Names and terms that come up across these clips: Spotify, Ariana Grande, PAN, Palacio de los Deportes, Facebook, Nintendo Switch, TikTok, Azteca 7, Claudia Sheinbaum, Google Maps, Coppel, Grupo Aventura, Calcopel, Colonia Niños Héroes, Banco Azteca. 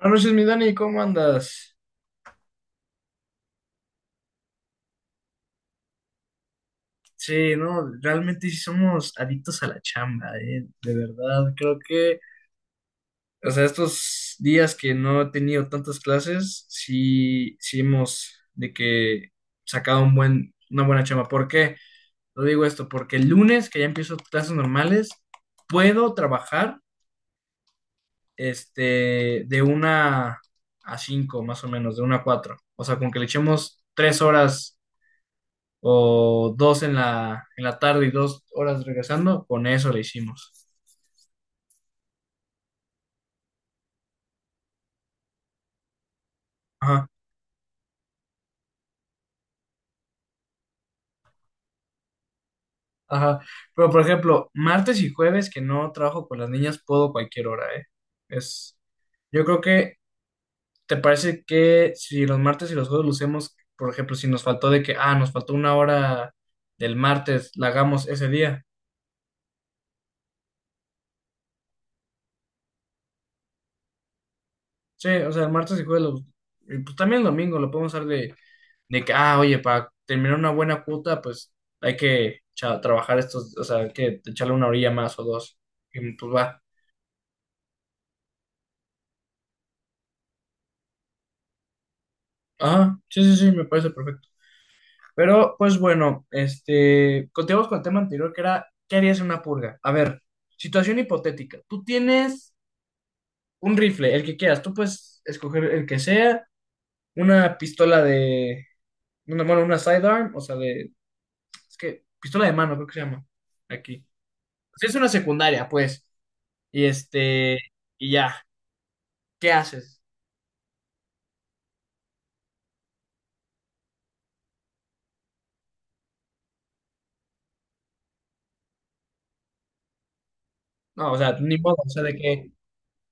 Buenas noches, mi Dani, ¿cómo andas? Sí, no, realmente sí somos adictos a la chamba, de verdad, creo que, o sea, estos días que no he tenido tantas clases, sí, sí hemos de que sacado un una buena chamba. ¿Por qué lo digo esto? Porque el lunes, que ya empiezo clases normales, puedo trabajar, de una a cinco, más o menos, de una a cuatro. O sea, con que le echemos tres horas o dos en en la tarde y dos horas regresando, con eso le hicimos. Ajá, ajá. Pero por ejemplo, martes y jueves que no trabajo con las niñas, puedo cualquier hora, ¿eh? Es, yo creo que, ¿te parece que si los martes y los jueves lo hacemos, por ejemplo, si nos faltó de que, ah, nos faltó una hora del martes, la hagamos ese día? Sí, o sea, el martes y jueves, y pues también el domingo, lo podemos hacer de, oye, para terminar una buena cuota, pues trabajar estos, o sea, hay que echarle una orilla más o dos. Y pues va. Ah, sí, sí, sí, me parece perfecto. Pero pues bueno, continuamos con el tema anterior que era, ¿qué harías en una purga? A ver, situación hipotética. Tú tienes un rifle, el que quieras, tú puedes escoger el que sea, una pistola de, una, bueno, una sidearm, pistola de mano creo que se llama aquí. Sí, es una secundaria, pues. Y este, y ¿qué haces? No, o sea, ni modo,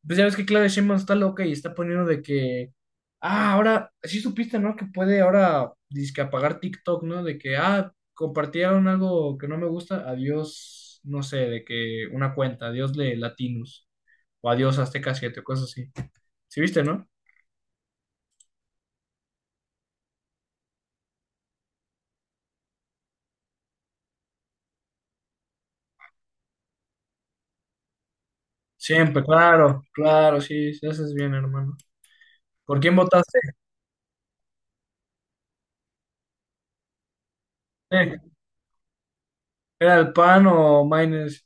pues ya ves que Claudia Sheinbaum está loca y está poniendo ahora, sí supiste, ¿no? Que puede ahora dizque apagar TikTok, ¿no? Compartieron algo que no me gusta, adiós, no sé, de que una cuenta, adiós de Latinos, o adiós Azteca 7, o cosas así. ¿Sí viste, no? Siempre, claro, claro, sí, sí, haces bien, hermano. ¿Por quién votaste? Eh, ¿Era el PAN o Maynes?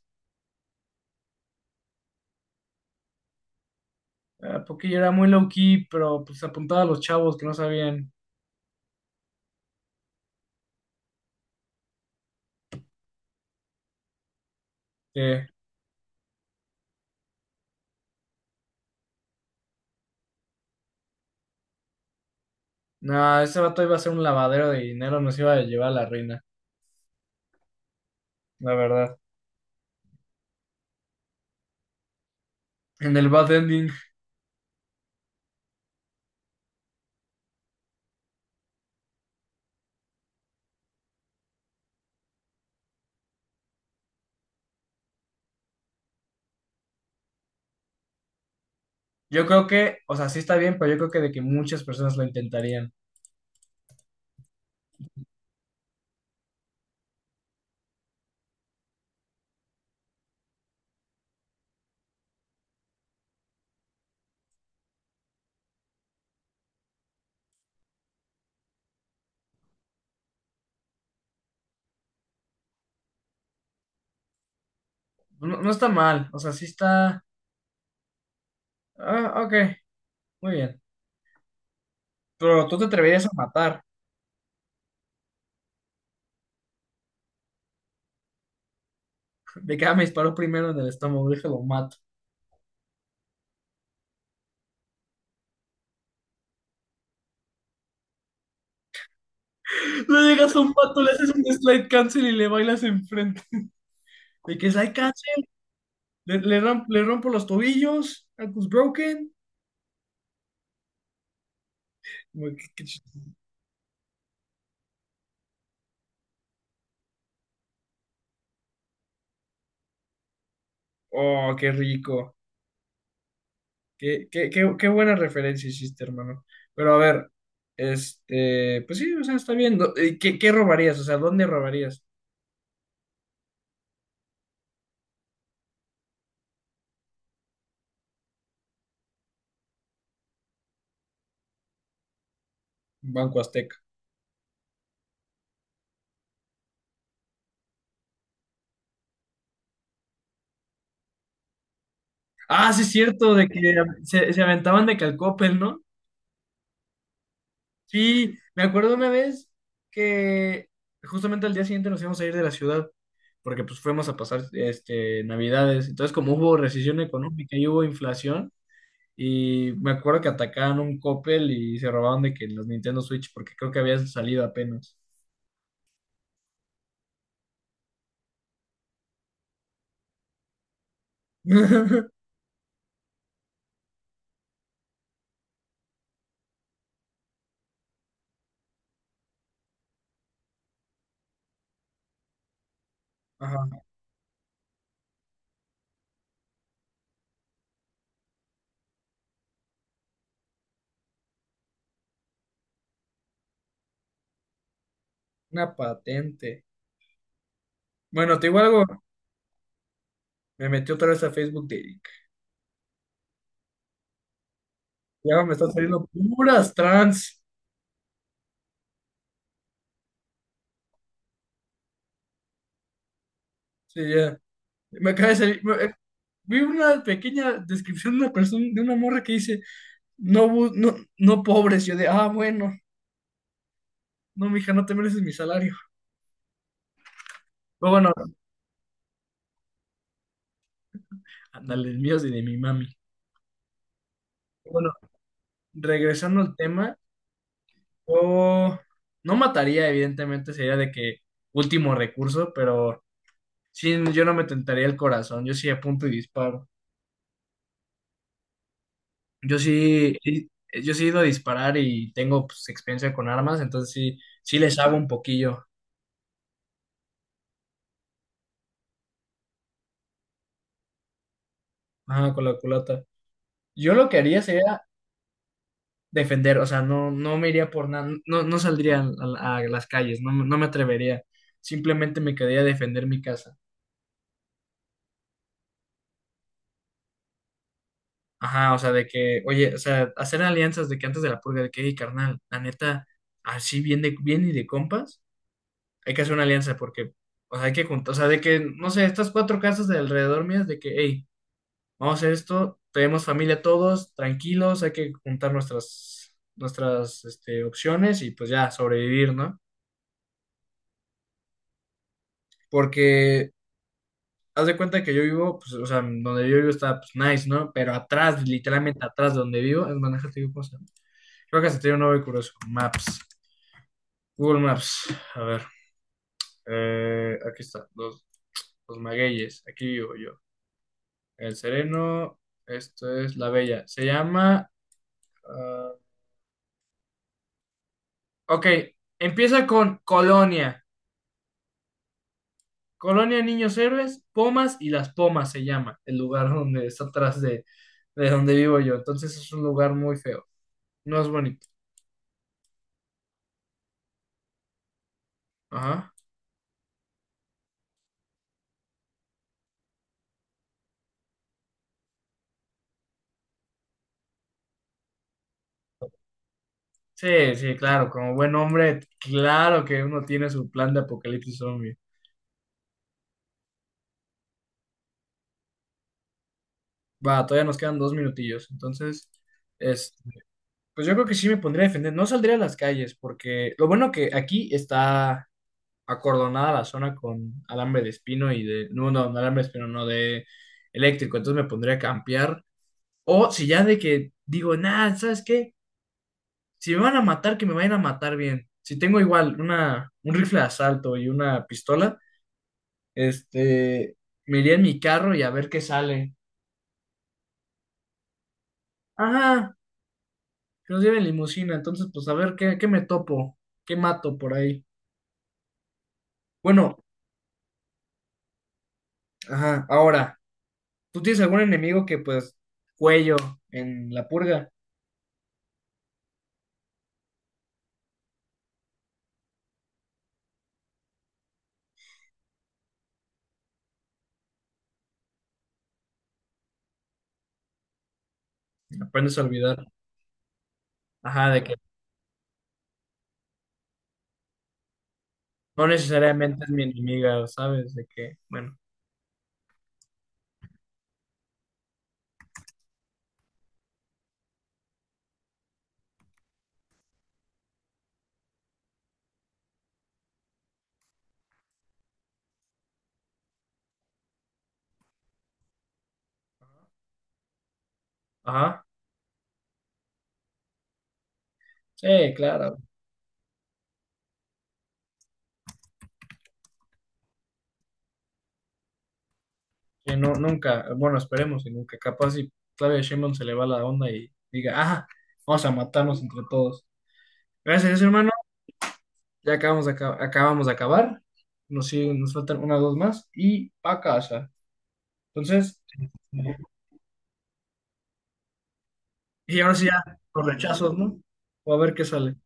Ah, porque yo era muy low key, pero pues apuntaba a los chavos que no sabían que nada, ese vato iba a ser un lavadero de dinero, nos iba a llevar a la reina, la verdad. En el bad ending, yo creo que, o sea, sí está bien, pero yo creo que de que muchas personas lo intentarían. No, no está mal, o sea, sí está. Ah, ok, muy bien. Pero tú te atreverías a matar. De que ah, me disparó primero en el estómago, déjalo mato. Le llegas a un pato, le haces un slide cancel y le bailas enfrente. De que slide cancel, le rompo los tobillos, ankles broken. Como que ch- Oh, qué rico. Qué buena referencia hiciste, hermano. Pero a ver, pues sí, o sea, está bien. ¿Qué, qué robarías? O sea, ¿dónde robarías? Banco Azteca. Ah, sí, es cierto, de que se aventaban de Calcopel, ¿no? Sí, me acuerdo una vez que justamente al día siguiente nos íbamos a ir de la ciudad, porque pues fuimos a pasar Navidades. Entonces, como hubo recesión económica y hubo inflación, y me acuerdo que atacaban un Coppel y se robaban de que los Nintendo Switch, porque creo que habían salido apenas. Ajá, una patente. Bueno, te digo algo, me metí otra vez a Facebook de. Ya me están saliendo puras trans. Sí, ya. Me acaba de salir. Vi una pequeña descripción de una persona, de una morra que dice, no, no pobres, yo de, ah, bueno, no, mija, no te mereces mi salario. Pero bueno, ándale, el mío es de mi mami. Bueno, regresando al tema, yo no mataría, evidentemente, sería de que último recurso, pero sí, yo no me tentaría el corazón, yo sí apunto y disparo. Yo sí, sí, yo sí he ido a disparar y tengo pues experiencia con armas, entonces sí, sí les hago un poquillo, ajá, con la culata. Yo lo que haría sería defender, o sea, no me iría por nada, no, no saldría a las calles, no me atrevería, simplemente me quedaría a defender mi casa. Ajá, o sea, oye, o sea, hacer alianzas de que antes de la purga, de que, hey, carnal, la neta, así bien, de, bien y de compas, hay que hacer una alianza porque, o sea, hay que juntar, no sé, estas cuatro casas de alrededor mías, de que, hey, vamos a hacer esto, tenemos familia todos, tranquilos, hay que juntar opciones y pues ya, sobrevivir, ¿no? Porque haz de cuenta que yo vivo, pues, o sea, donde yo vivo está, pues, nice, ¿no? Pero atrás, literalmente atrás de donde vivo, es más, déjate digo, ¿cómo se llama? Creo que se tiene un nombre curioso. Maps. Google Maps. A ver. Aquí está. Los magueyes. Aquí vivo yo. El Sereno. Esto es La Bella. Se llama. Ah, ok. Empieza con Colonia. Colonia Niños Héroes, Pomas y Las Pomas se llama. El lugar donde está atrás de donde vivo yo. Entonces es un lugar muy feo. No es bonito. Ajá. Sí, sí, claro, como buen hombre, claro que uno tiene su plan de apocalipsis zombie. Va, todavía nos quedan dos minutillos, entonces, es, pues yo creo que sí me pondría a defender, no saldría a las calles, porque lo bueno que aquí está acordonada la zona con alambre de espino y de, no, alambre de espino, no, de eléctrico, entonces me pondría a campear, o si ya de que digo, nada, ¿sabes qué? Si me van a matar, que me vayan a matar bien. Si tengo igual un rifle de asalto y una pistola. Este, Me iría en mi carro y a ver qué sale. Ajá, que nos lleven limusina, entonces pues a ver qué, qué me topo, qué mato por ahí. Bueno, ajá, ahora, ¿tú tienes algún enemigo que pues cuello en la purga? Aprendes a olvidar. Ajá, de que no necesariamente es mi enemiga, ¿sabes? De que, bueno, ajá, sí, claro, que no, nunca, bueno, esperemos y nunca, capaz si Claudia Sheinbaum se le va la onda y diga, ajá, vamos a matarnos entre todos. Gracias, hermano. Ya acabamos de, acabamos de acabar. Nos faltan una o dos más y pa' casa. Entonces, y ahora sí ya, los rechazos, ¿no? O a ver qué sale.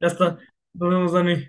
Ya está. Nos vemos, Dani.